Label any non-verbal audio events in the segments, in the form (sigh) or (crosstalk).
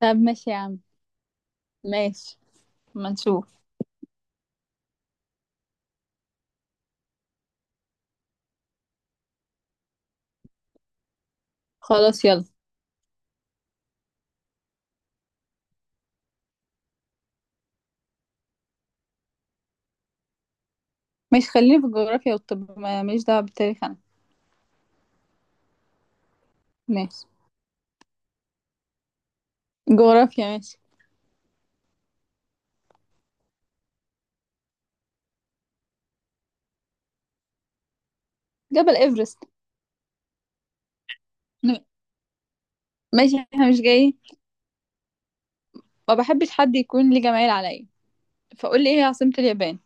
طب ماشي يا عم. ماشي. ما نشوف. خلاص، يلا. ماشي، خليني في الجغرافيا، والطب ماليش دعوة بالتاريخ أنا. ماشي. جغرافيا ماشي. جبل إيفرست. م- ماشي، احنا مش جايين. ما بحبش حد يكون ليه جمايل عليا، فقول لي ايه هي عاصمة اليابان؟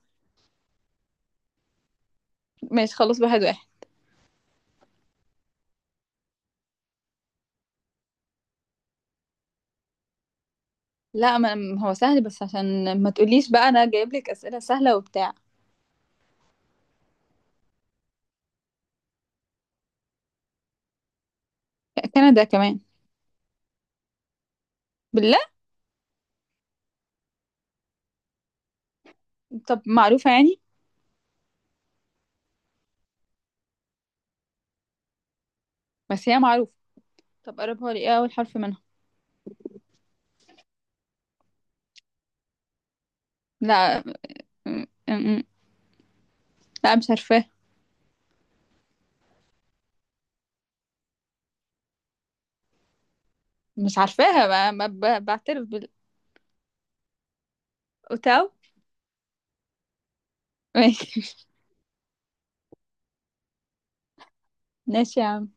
ماشي خلاص، واحد واحد. لا، ما هو سهل، بس عشان ما تقوليش بقى انا جايب لك أسئلة سهلة وبتاع. كندا كمان؟ بالله. طب معروفة يعني. بس هي معروفة. طب قربها لي، ايه اول حرف منها؟ لا. م- م- لا، مش عارفة. مش عارفاها بقى، ما ب- بعترف. بالأوتاو. (laughs) ماشي. ماشي يا عم.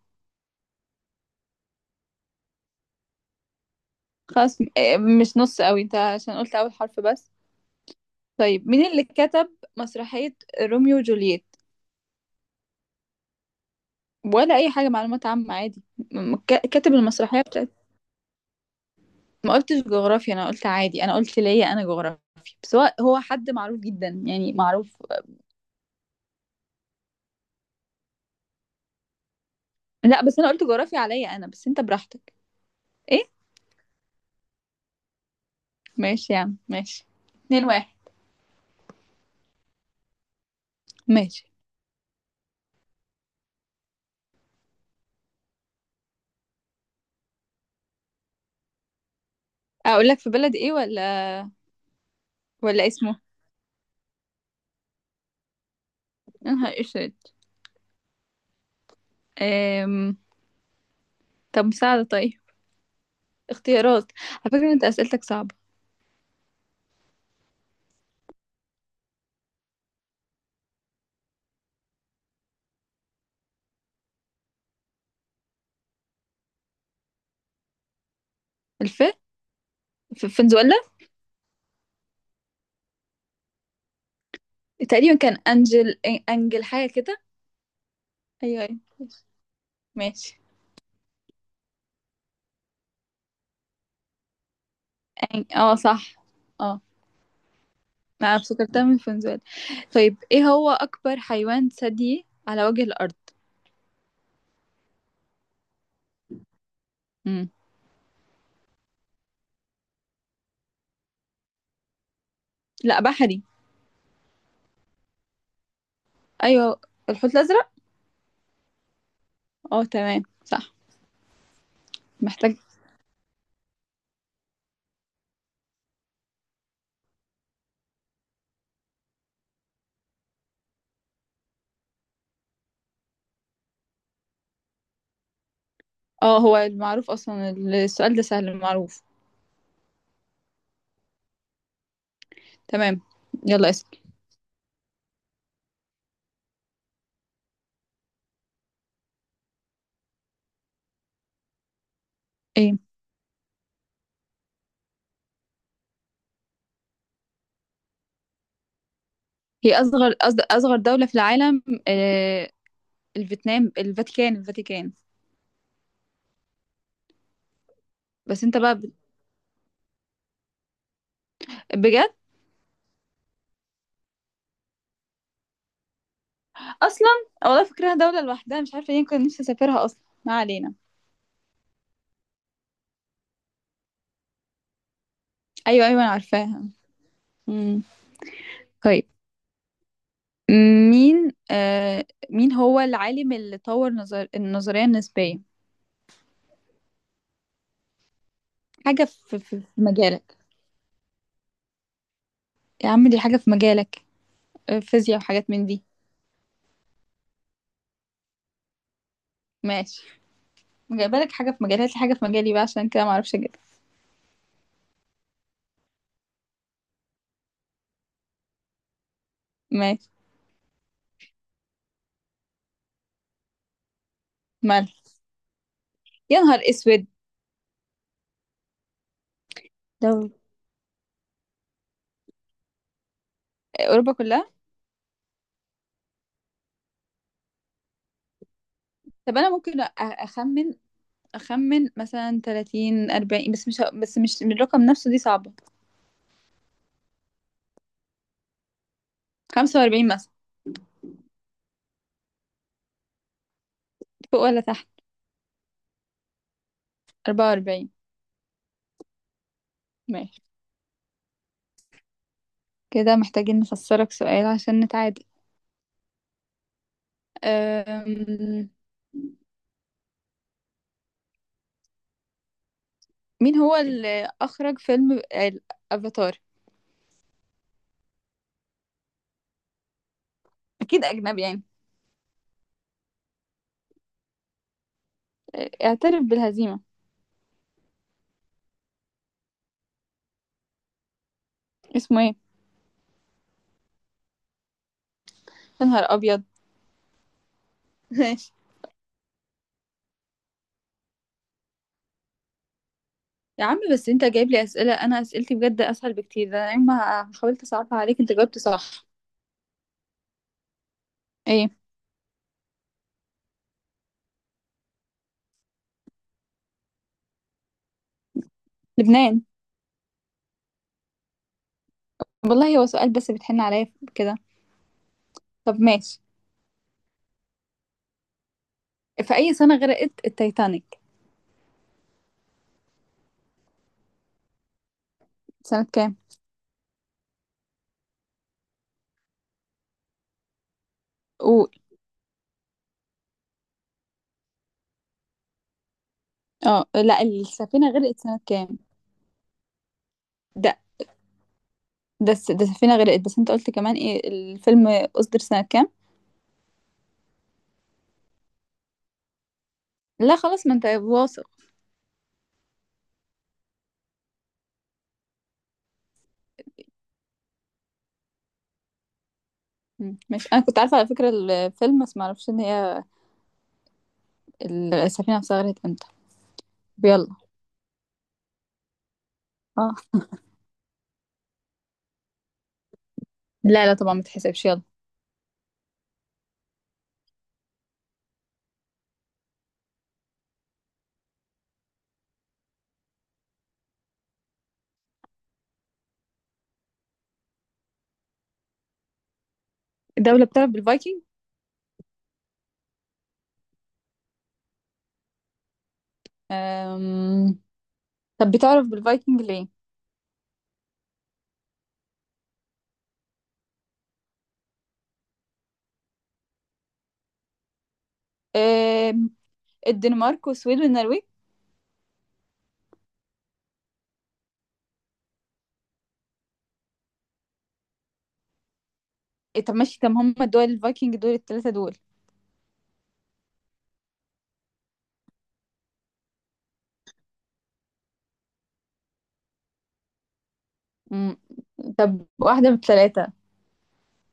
خلاص. مش نص قوي انت، عشان قلت اول حرف بس. طيب، مين اللي كتب مسرحية روميو وجولييت؟ ولا اي حاجة، معلومات عامة عادي. كاتب المسرحية بتاعت. ما قلتش جغرافيا، انا قلت عادي، انا قلت ليا انا جغرافيا. بس هو حد معروف جدا، يعني معروف. لا، بس انا قلت جغرافيا عليا انا، بس انت براحتك. ايه. ماشي يا عم ماشي. 2-1. ماشي. اقول لك في بلد ايه، ولا اسمه؟ (laughs) يا نهار اسود. أم... طب مساعدة، طيب، اختيارات. على فكرة انت اسئلتك صعبة. الف. فنزويلا. تقريبا كان انجل، انجل حاجة كده. ايوه ايوه. ماشي. اه صح. اه، انا افتكرتها من فنزويلا. طيب، ايه هو اكبر حيوان ثديي على وجه الارض؟ مم. لا، بحري. ايوه، الحوت الازرق. اه تمام صح. محتاج. اه هو المعروف اصلا، السؤال ده سهل المعروف. تمام، يلا اسال. ايه هي اصغر اصغر دولة في العالم؟ آه، الفيتنام، الفاتيكان، الفاتيكان. بس انت بقى بجد؟ اصلا والله فكرها دولة لوحدها، مش عارفة ليه، كنت نفسي اسافرها اصلا. ما علينا. ايوه ايوه، انا عارفاها. امم. طيب. مين، مين هو العالم اللي طور النظرية النسبية؟ حاجة في مجالك. يا عم دي حاجة في مجالك. فيزياء وحاجات من دي. ماشي. جايبالك حاجة في مجالي، هات لي حاجة في مجالي بقى، عشان كده ما اعرفش اجيبها. ماشي. مال. يا نهار اسود. دول اوروبا كلها. طب انا ممكن اخمن. أخمن مثلا 30 40، بس مش من الرقم نفسه، دي صعبة. 45 مثلا. فوق ولا تحت؟ 44. ماشي. كده محتاجين نفسرك سؤال عشان نتعادل. أم... مين هو اللي أخرج فيلم الأفاتار؟ أكيد أجنبي يعني. اعترف بالهزيمة. اسمه ايه؟ يا نهار أبيض. (laughs) ماشي. يا عم بس انت جايب لي أسئلة، أنا أسئلتي بجد أسهل بكتير، ده أنا يوم ما حاولت أصعبها عليك انت جاوبت صح. ايه، لبنان. والله هو سؤال، بس بتحن عليا كده. طب ماشي. في أي سنة غرقت التايتانيك؟ سنة كام؟ قول. اه لا، السفينة غرقت سنة كام؟ ده ده السفينة غرقت، بس انت قلت كمان ايه الفيلم أصدر سنة كام. لا خلاص، ما انت واثق. مش انا كنت عارفة على فكرة الفيلم، بس معرفش ان هي السفينة نفسها غرقت امتى. طب يلا. اه. لا لا طبعا، ما تحسبش، يلا. الدولة بتعرف بالفايكنج. أم... طب بتعرف بالفايكنج ليه؟ أم... الدنمارك، والسويد، والنرويج. إيه، طب ماشي، طب هم الدول الفايكنج دول الثلاثة دول؟ مم. طب واحدة من التلاتة.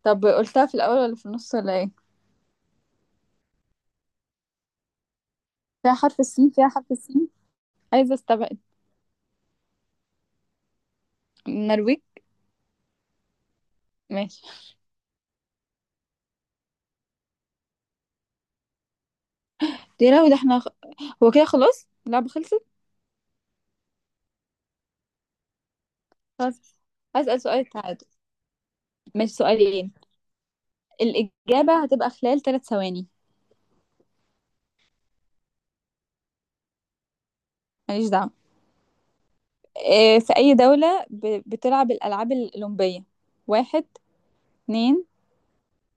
طب قلتها في الأول ولا في النص ولا ايه؟ فيها حرف السين، فيها حرف السين. عايزة استبعد. النرويج. ماشي. يا لهوي ده احنا. هو كده خلاص اللعبة خلصت؟ خلاص. هسأل سؤال تعادل. ماشي، سؤالين. الإجابة هتبقى خلال 3 ثواني. ماليش دعوة. اه، في أي دولة بتلعب الألعاب الأولمبية؟ واحد، اتنين،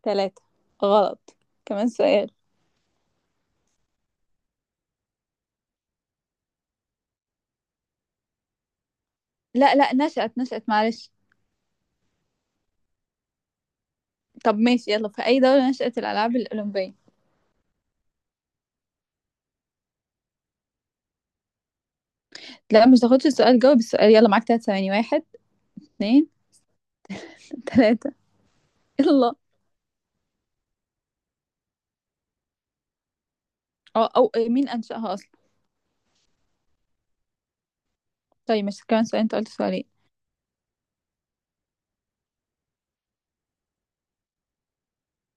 تلاتة. غلط. كمان سؤال. لا نشأت، نشأت، معلش. طب ماشي يلا، في أي دولة نشأت الألعاب الأولمبية؟ لا، مش تاخدش السؤال، جاوب السؤال. يلا، معاك 3 ثواني. واحد، اتنين، تلاتة. يلا. أو مين أنشأها أصلا؟ طيب، مش كمان سؤال؟ أنت قلت سؤالين.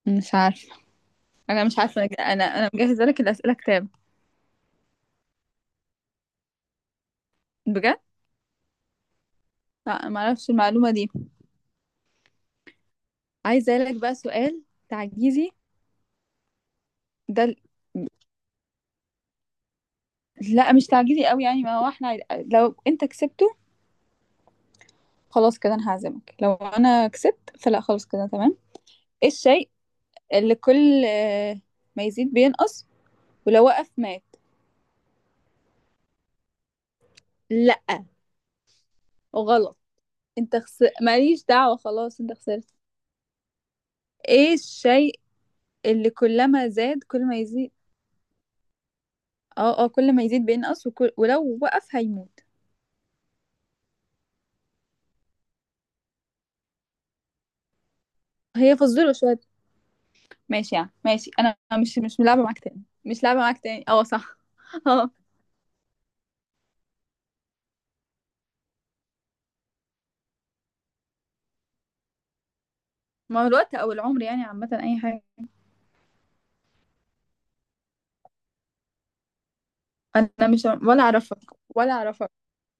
مش عارفة. أنا مش عارفة. أنا مجهزة لك الأسئلة كتاب. بجد. لا، ما أعرفش المعلومة دي. عايزة لك بقى سؤال تعجيزي. ده ال- لا، مش تعجيزي قوي يعني، ما هو احنا لو أنت كسبته، خلاص كده أنا هعزمك، لو أنا كسبت فلا خلاص كده تمام. إيه الشيء اللي كل آه، ما يزيد بينقص ولو وقف مات؟ لا، غلط، انت خسر، ماليش دعوة، خلاص انت خسرت. ايه الشيء اللي كلما زاد كل ما يزيد؟ اه كل ما يزيد بينقص، ولو وقف هيموت. هي فزورة شوية. ماشي يعني، ماشي انا. مش لعبة معاك تاني، مش لعبة معاك تاني. اه صح. (laughs) اه. ما هو الوقت او العمر يعني، عامة اي حاجة. انا مش، ولا اعرفك، ولا اعرفك.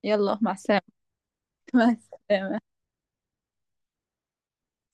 يلا مع السلامة. (laughs) مع السلامة.